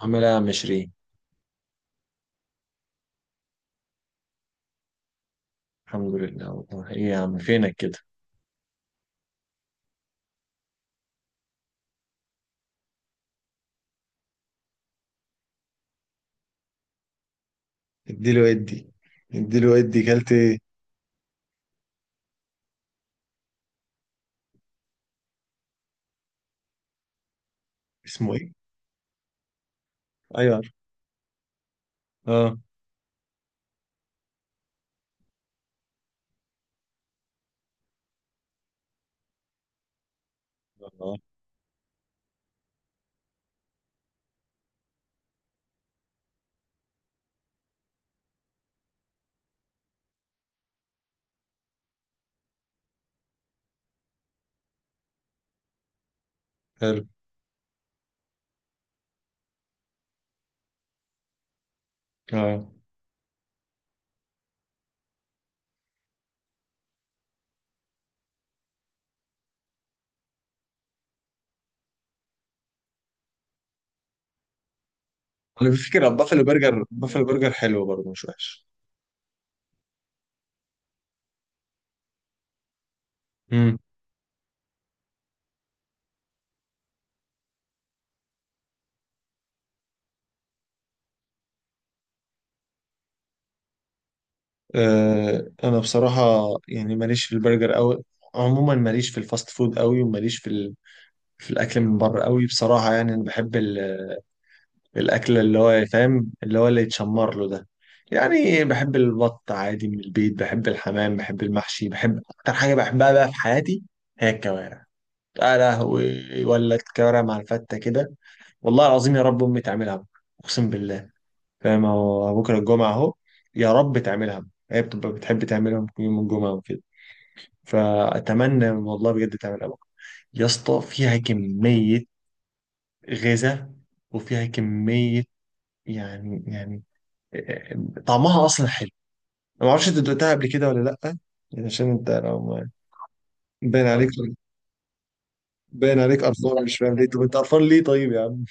عامل ايه يا عم شيرين؟ الحمد لله. والله ايه يا عم فينك كده؟ اديله ادي اديله ادي. كلت ايه؟ اسمه ايه؟ ايوه عارف. اه، والله حلو. اه، انا بفكر بافلو برجر. بافلو برجر حلو برضه، مش وحش. امم. انا بصراحه يعني ماليش في البرجر قوي. عموما ماليش في الفاست فود قوي، وماليش في في الاكل من بره قوي بصراحه. يعني انا بحب الأكل اللي هو فاهم، اللي هو اللي يتشمر له ده. يعني بحب البط عادي من البيت، بحب الحمام، بحب المحشي، بحب أكتر حاجة بحبها بقى في حياتي هي الكوارع. يا لهوي، ولا الكوارع مع الفتة كده؟ والله العظيم يا رب أمي تعملها بكرة، أقسم بالله. فاهم هو بكرة الجمعة أهو. يا رب تعملها بكرة. هي بتبقى بتحب تعملهم يوم الجمعة وكده، فأتمنى والله بجد تعملها بكرة. يا اسطى فيها كمية غذاء، وفيها كمية، يعني طعمها اصلا حلو. انا ما اعرفش انت دقتها قبل كده ولا لا. يعني عشان انت لو. باين عليك. باين عليك قرفان، مش فاهم ليه. طب انت قرفان ليه طيب يا عم؟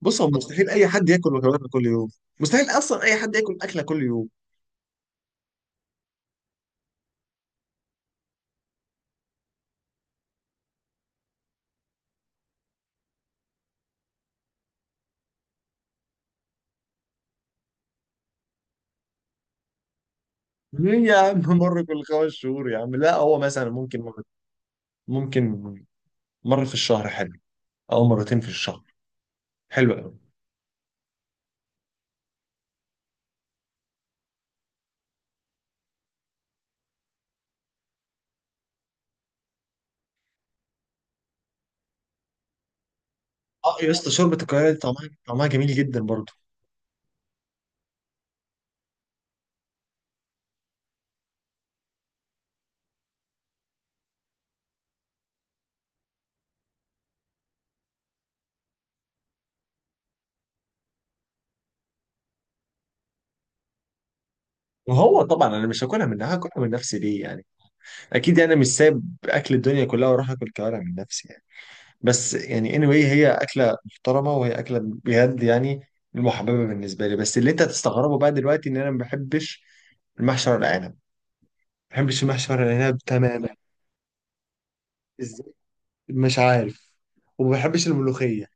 بص هو مستحيل اي حد ياكل مكرونه كل يوم. مستحيل اصلا اي حد ياكل اكله كل يوم. ليه يا عم مره كل خمس شهور يا عم؟ لا، هو مثلا ممكن مرة، ممكن مره في الشهر حلو، او مرتين في الشهر. حلو قوي. اه، يا اسطى شوربه الكوارع دي طعمها جميل جدا برضه. وهو طبعا انا مش هاكلها منها. هاكلها من نفسي ليه يعني؟ اكيد يعني مش سايب اكل الدنيا كلها واروح اكل كوارع من نفسي يعني. بس يعني anyway هي اكله محترمه، وهي اكله بجد يعني المحببه بالنسبه لي. بس اللي انت هتستغربه بقى دلوقتي ان انا ما بحبش المحشي ورق العنب. ما بحبش المحشي ورق العنب تماما. ازاي؟ مش عارف. وما بحبش الملوخيه.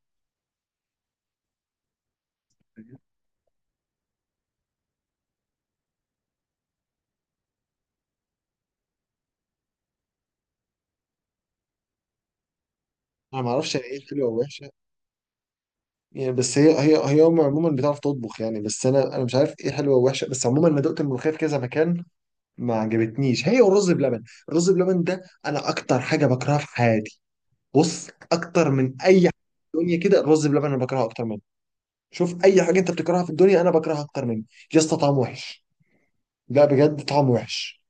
انا ما اعرفش يعني ايه حلوه ووحشه يعني. بس هي هي هي هم عموما بتعرف تطبخ يعني. بس انا مش عارف ايه حلوه ووحشه. بس عموما انا دقت الملوخيه في كذا مكان ما عجبتنيش، هي والرز بلبن. الرز بلبن ده انا اكتر حاجه بكرهها في حياتي. بص، اكتر من اي حاجه في الدنيا كده الرز بلبن انا بكرهه اكتر منه. شوف اي حاجه انت بتكرهها في الدنيا انا بكرهها اكتر منه. يا اسطى طعمه وحش. لا بجد طعمه وحش.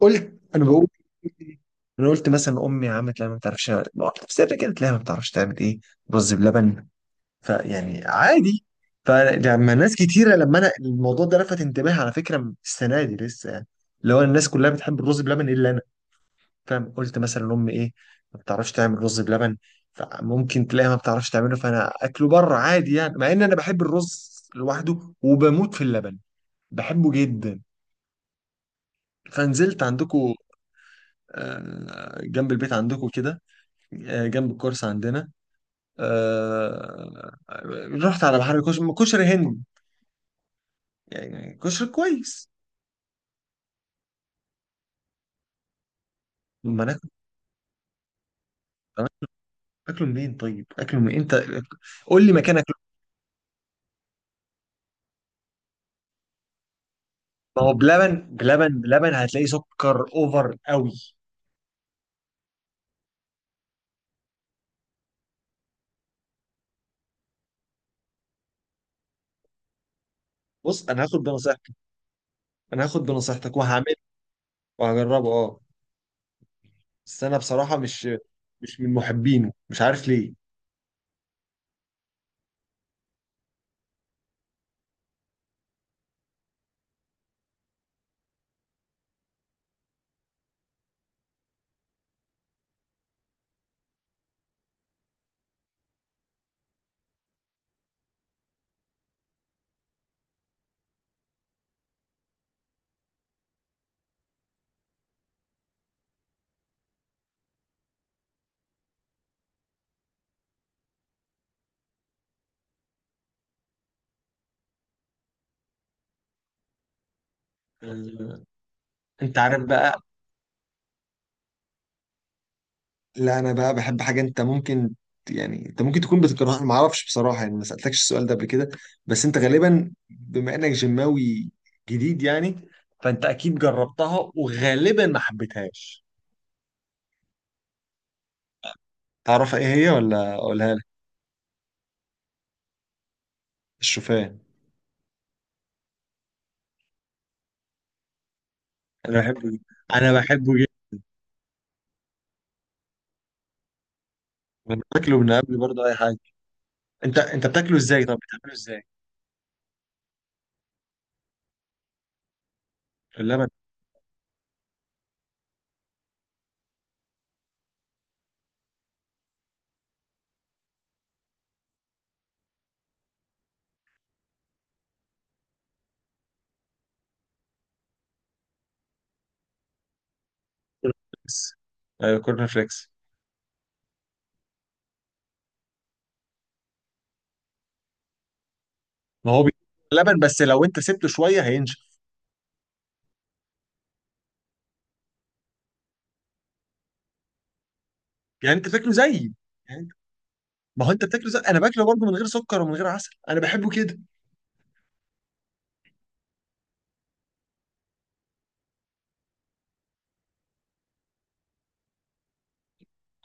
قلت انا بقول، انا قلت مثلا امي عملت لها، ما بتعرفش، واحده في سر كده تلاقيها ما بتعرفش تعمل ايه رز بلبن. فيعني عادي. فلما ناس كتيره، لما انا الموضوع ده لفت انتباهي على فكره السنه دي لسه يعني، اللي هو الناس كلها بتحب الرز بلبن الا انا. فاهم؟ قلت مثلا امي ايه، ما بتعرفش تعمل رز بلبن. فممكن تلاقيها ما بتعرفش تعمله، فانا اكله بره عادي يعني، مع ان انا بحب الرز لوحده وبموت في اللبن. بحبه جدا. فنزلت عندكم، جنب البيت عندكم كده، جنب الكورس عندنا. آه، رحت على بحر كشري هند. يعني كشري كويس. ما ناكل. طب اكله منين طيب؟ اكله من انت، قول لي مكان اكله. ما هو بلبن هتلاقي سكر اوفر قوي. بص انا هاخد بنصيحتك. انا هاخد بنصيحتك وهعمله وهجربه، اه. بس انا بصراحه، مش مش من محبينه، مش عارف ليه. آه، انت عارف بقى. لا انا بقى بحب حاجه انت ممكن يعني انت ممكن تكون بتكرهها، ما اعرفش بصراحه يعني، ما سالتكش السؤال ده قبل كده. بس انت غالبا بما انك جماوي جديد يعني، فانت اكيد جربتها وغالبا ما حبيتهاش. تعرف ايه هي ولا اقولها لك؟ الشوفان. انا بحبه، انا بحبه جدا. أنا باكله من قبل برضه اي حاجه. انت بتاكله ازاي؟ طب بتعمله ازاي؟ في اللبن بس. ايوه كورن فليكس. ما هو لبن. بس لو انت سبته شويه هينشف. يعني انت بتاكله زيي. يعني ما هو انت بتاكله زي انا باكله برضه، من غير سكر ومن غير عسل. انا بحبه كده.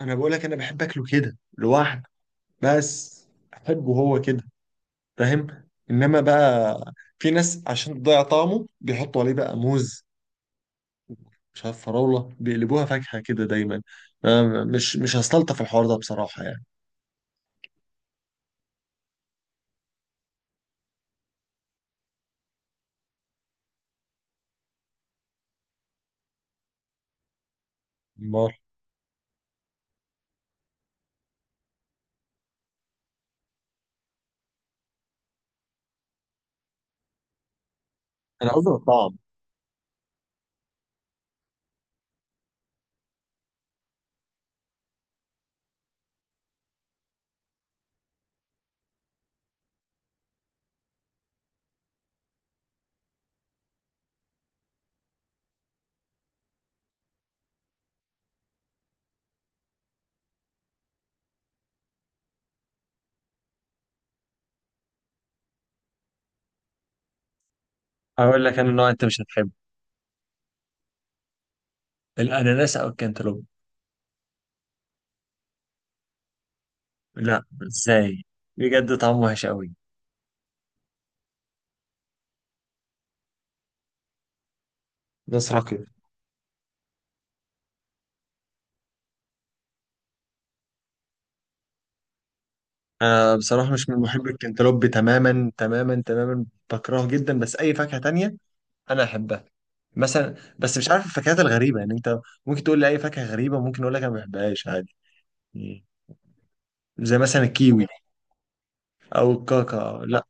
انا بقول لك انا بحب اكله كده لوحده. بس احبه هو كده، فاهم. انما بقى في ناس عشان تضيع طعمه بيحطوا عليه بقى موز، مش عارف فراوله، بيقلبوها فاكهه كده دايما. أنا مش مش هستلطف الحوار ده بصراحه يعني. امال. انا قصدي الطعم. الأناناس أو الكنتالوب؟ لا، إزاي؟ بجد طعمه وحش أوي. ناس عاقل. أنا بصراحة مش من محب الكنتالوب، تماما تماما تماما. بكرهه جدا. بس أي فاكهة تانية أنا أحبها. مثلا، بس مش عارف الفاكهات الغريبة يعني. أنت ممكن تقول لي أي فاكهة غريبة، ممكن أقول لك أنا ما بحبهاش عادي، زي مثلا الكيوي أو الكاكا. لا.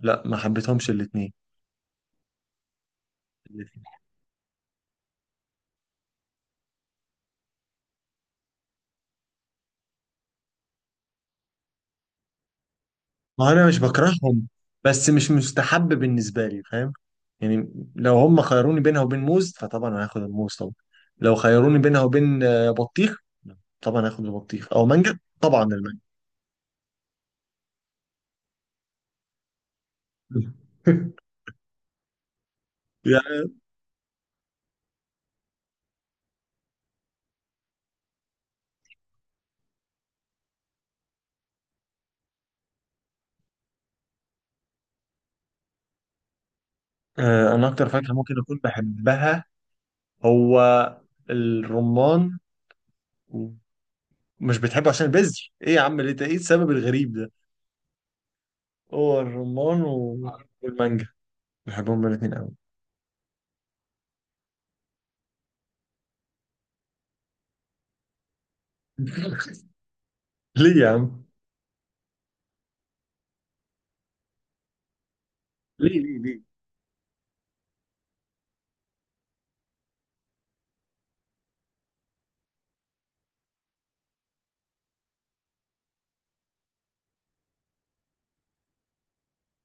لا، ما حبيتهمش الاتنين. ما انا مش بكرههم، بس مش مستحب بالنسبه لي، فاهم يعني. لو هم خيروني بينها وبين موز فطبعا هاخد الموز طبعا. لو خيروني بينها وبين بطيخ، طبعا هاخد البطيخ، او مانجا. طبعا المانجا. يعني، انا اكتر فاكهه ممكن اكون بحبها هو الرمان. مش بتحبه عشان البذر؟ ايه يا عم ليه؟ ايه السبب الغريب ده؟ هو الرمان والمانجا، بحبهم الاثنين قوي. ليه يا عم؟ ليه ليه؟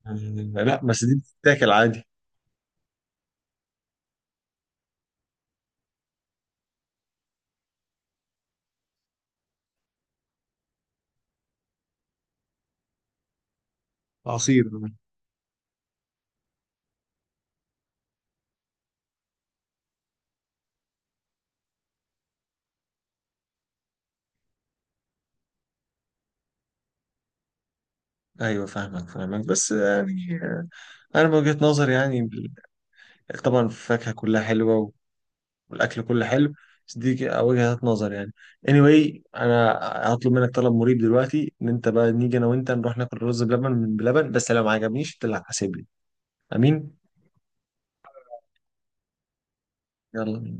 آه، لا بس دي بتتاكل عادي. عصير. ايوه فاهمك فاهمك، بس يعني، انا من وجهة نظري يعني، طبعا الفاكهة كلها حلوة، والاكل كله حلو. بس دي وجهة نظر يعني. anyway انا هطلب منك طلب مريب دلوقتي ان انت بقى نيجي انا وانت نروح ناكل رز بلبن من بلبن، بس لو ما عجبنيش انت اللي هتحاسبني. امين. يلا.